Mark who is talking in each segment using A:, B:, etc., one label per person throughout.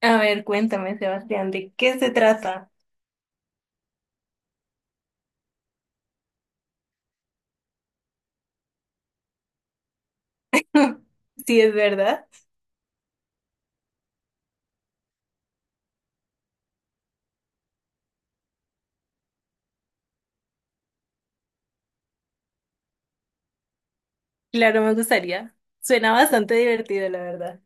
A: A ver, cuéntame, Sebastián, ¿de qué se trata? Si es verdad. Claro, me gustaría. Suena bastante divertido, la verdad.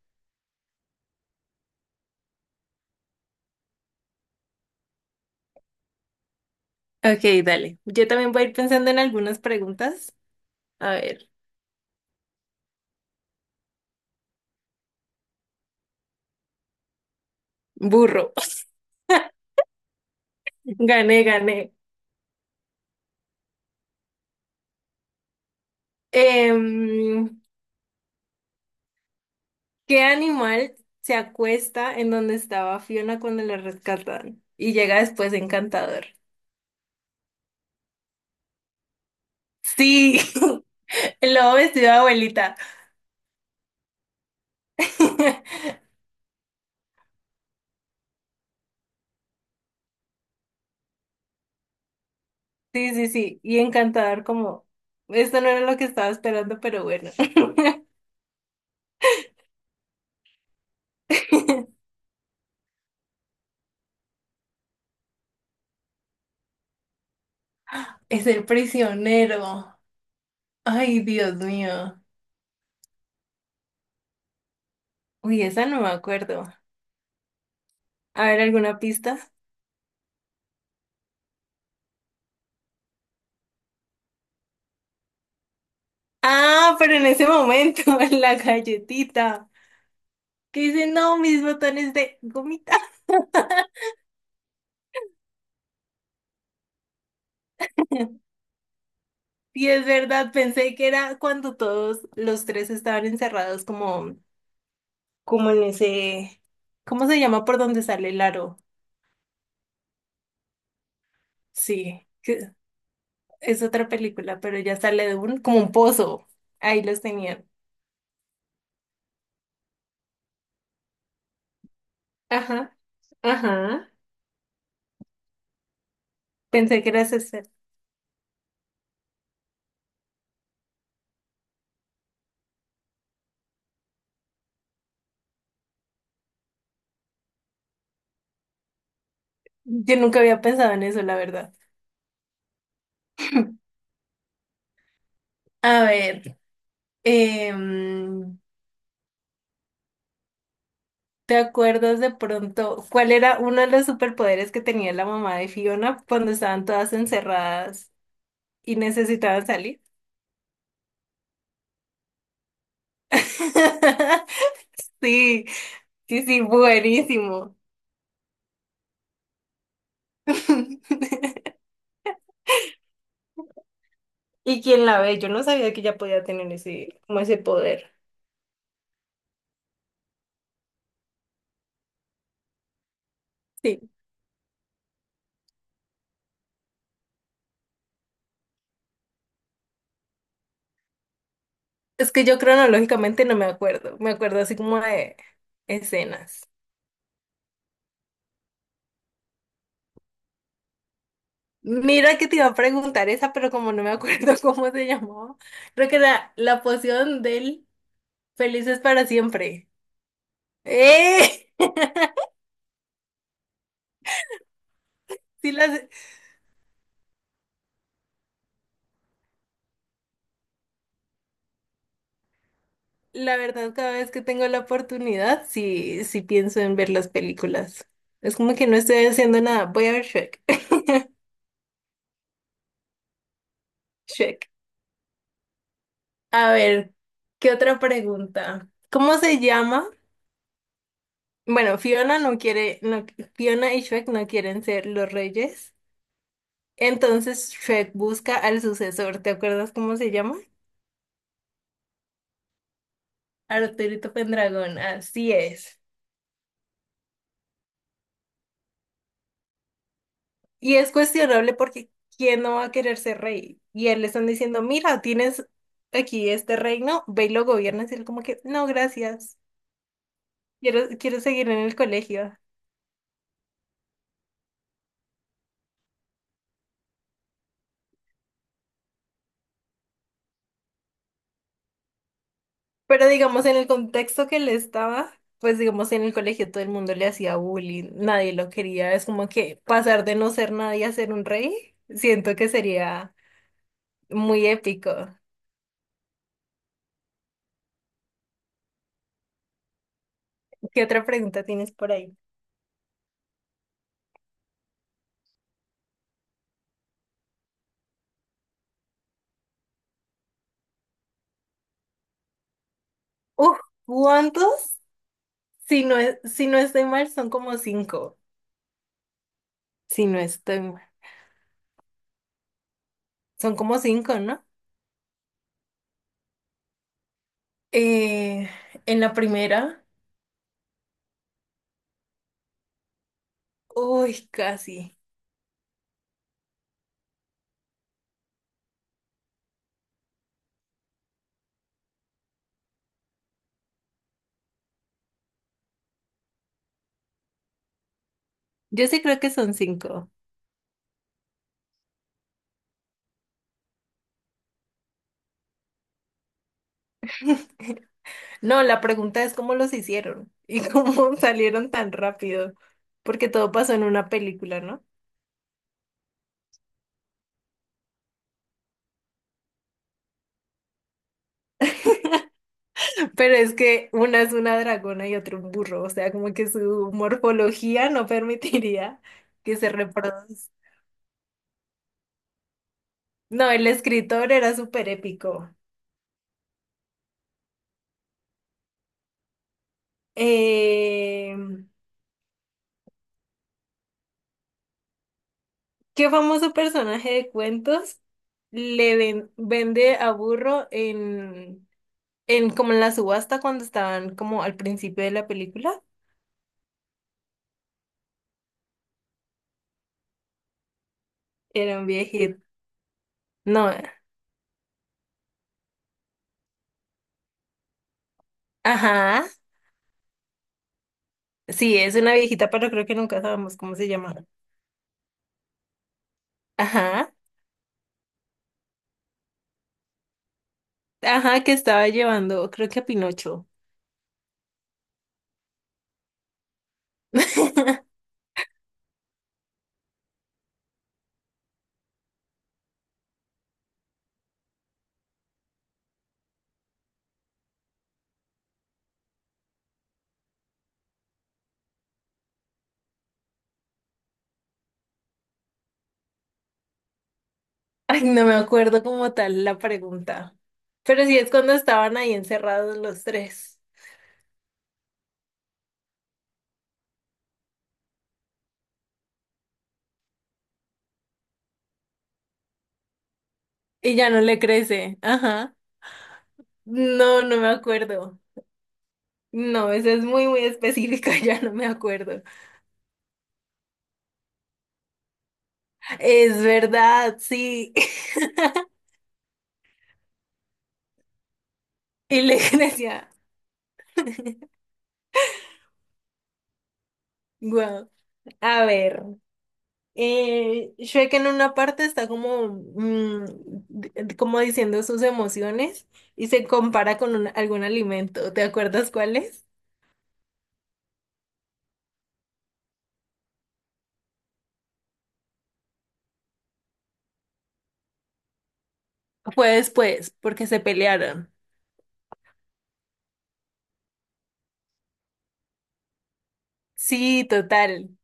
A: Ok, dale. Yo también voy a ir pensando en algunas preguntas. A ver, burro. Gané, gané. Em, ¿Qué animal se acuesta en donde estaba Fiona cuando la rescatan? Y llega después Encantador. Sí, el lobo vestido de abuelita. Sí, sí, sí, y encantador como, esto no era lo que estaba esperando, pero bueno. Es el prisionero. Ay, Dios mío. Uy, esa no me acuerdo. A ver, ¿alguna pista? Ah, pero en ese momento, en la galletita. Que dice, no, mis botones de gomita. Y es verdad, pensé que era cuando todos los tres estaban encerrados como, como en ese, ¿cómo se llama por donde sale el aro? Sí, que es otra película, pero ya sale de un, como un pozo. Ahí los tenían. Ajá, ajá. Pensé que era ese. Yo nunca había pensado en eso, la verdad. A ver, em, ¿te acuerdas de pronto cuál era uno de los superpoderes que tenía la mamá de Fiona cuando estaban todas encerradas y necesitaban salir? Sí, sí, sí, buenísimo. ¿Y quién la ve? Yo no sabía que ella podía tener ese, como ese poder. Sí, es que yo cronológicamente no me acuerdo, me acuerdo así como de escenas. Mira que te iba a preguntar esa, pero como no me acuerdo cómo se llamaba, creo que era la poción del Felices para siempre. ¡Eh! Sí, las- la verdad, cada vez que tengo la oportunidad, sí, sí pienso en ver las películas. Es como que no estoy haciendo nada, voy a ver Shrek. Shrek. A ver, ¿qué otra pregunta? ¿Cómo se llama? Bueno, Fiona no quiere, no- Fiona y Shrek no quieren ser los reyes. Entonces Shrek busca al sucesor. ¿Te acuerdas cómo se llama? Arturito Pendragón, así es. Y es cuestionable porque ¿quién no va a querer ser rey? Y él le están diciendo, mira, tienes aquí este reino, ve y lo gobiernas. Y él como que, no, gracias. Quiero, quiero seguir en el colegio. Pero digamos, en el contexto que él estaba, pues digamos, en el colegio todo el mundo le hacía bullying, nadie lo quería, es como que pasar de no ser nadie a ser un rey, siento que sería muy épico. ¿Qué otra pregunta tienes por ahí? Uf, ¿cuántos? Si no es, si no estoy mal, son como cinco. Si no estoy mal, son como cinco, ¿no? Eh, en la primera, uy, casi. Yo sí creo que son cinco. No, la pregunta es cómo los hicieron y cómo salieron tan rápido, porque todo pasó en una película, ¿no? Pero es que una es una dragona y otro un burro, o sea, como que su morfología no permitiría que se reproduzca. No, el escritor era súper épico. Eh, ¿Qué famoso personaje de cuentos le ven- vende a burro en como en la subasta cuando estaban como al principio de la película? Era un viejito. No. Ajá, sí, es una viejita, pero creo que nunca sabemos cómo se llama. Ajá, ajá, que estaba llevando, creo que a Pinocho. Ay, no me acuerdo como tal la pregunta. Pero sí es cuando estaban ahí encerrados los tres. Y ya no le crece. Ajá. No, no me acuerdo. No, esa es muy, muy específica, ya no me acuerdo. Es verdad, sí. Y le crecía. Wow. A ver. Shrek en una parte está como, d- como diciendo sus emociones y se compara con un- algún alimento. ¿Te acuerdas cuál es? Fue después, porque se pelearon. Sí, total.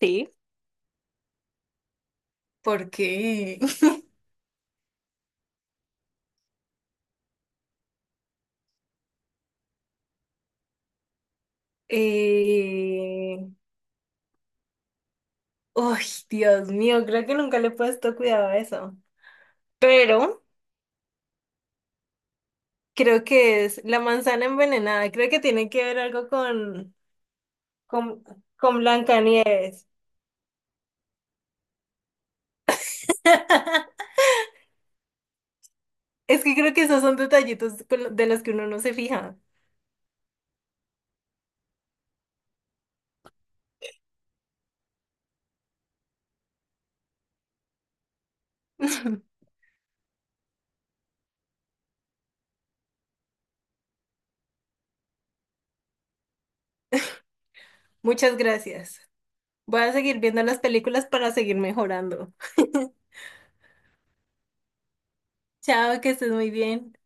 A: Sí. Porque, eh, uy, Dios mío, creo que nunca le he puesto cuidado a eso. Pero creo que es la manzana envenenada. Creo que tiene que ver algo con, con Blancanieves. Es que creo que esos son detallitos con lo- de los que uno no se fija. Muchas gracias. Voy a seguir viendo las películas para seguir mejorando. Chao, que estés muy bien.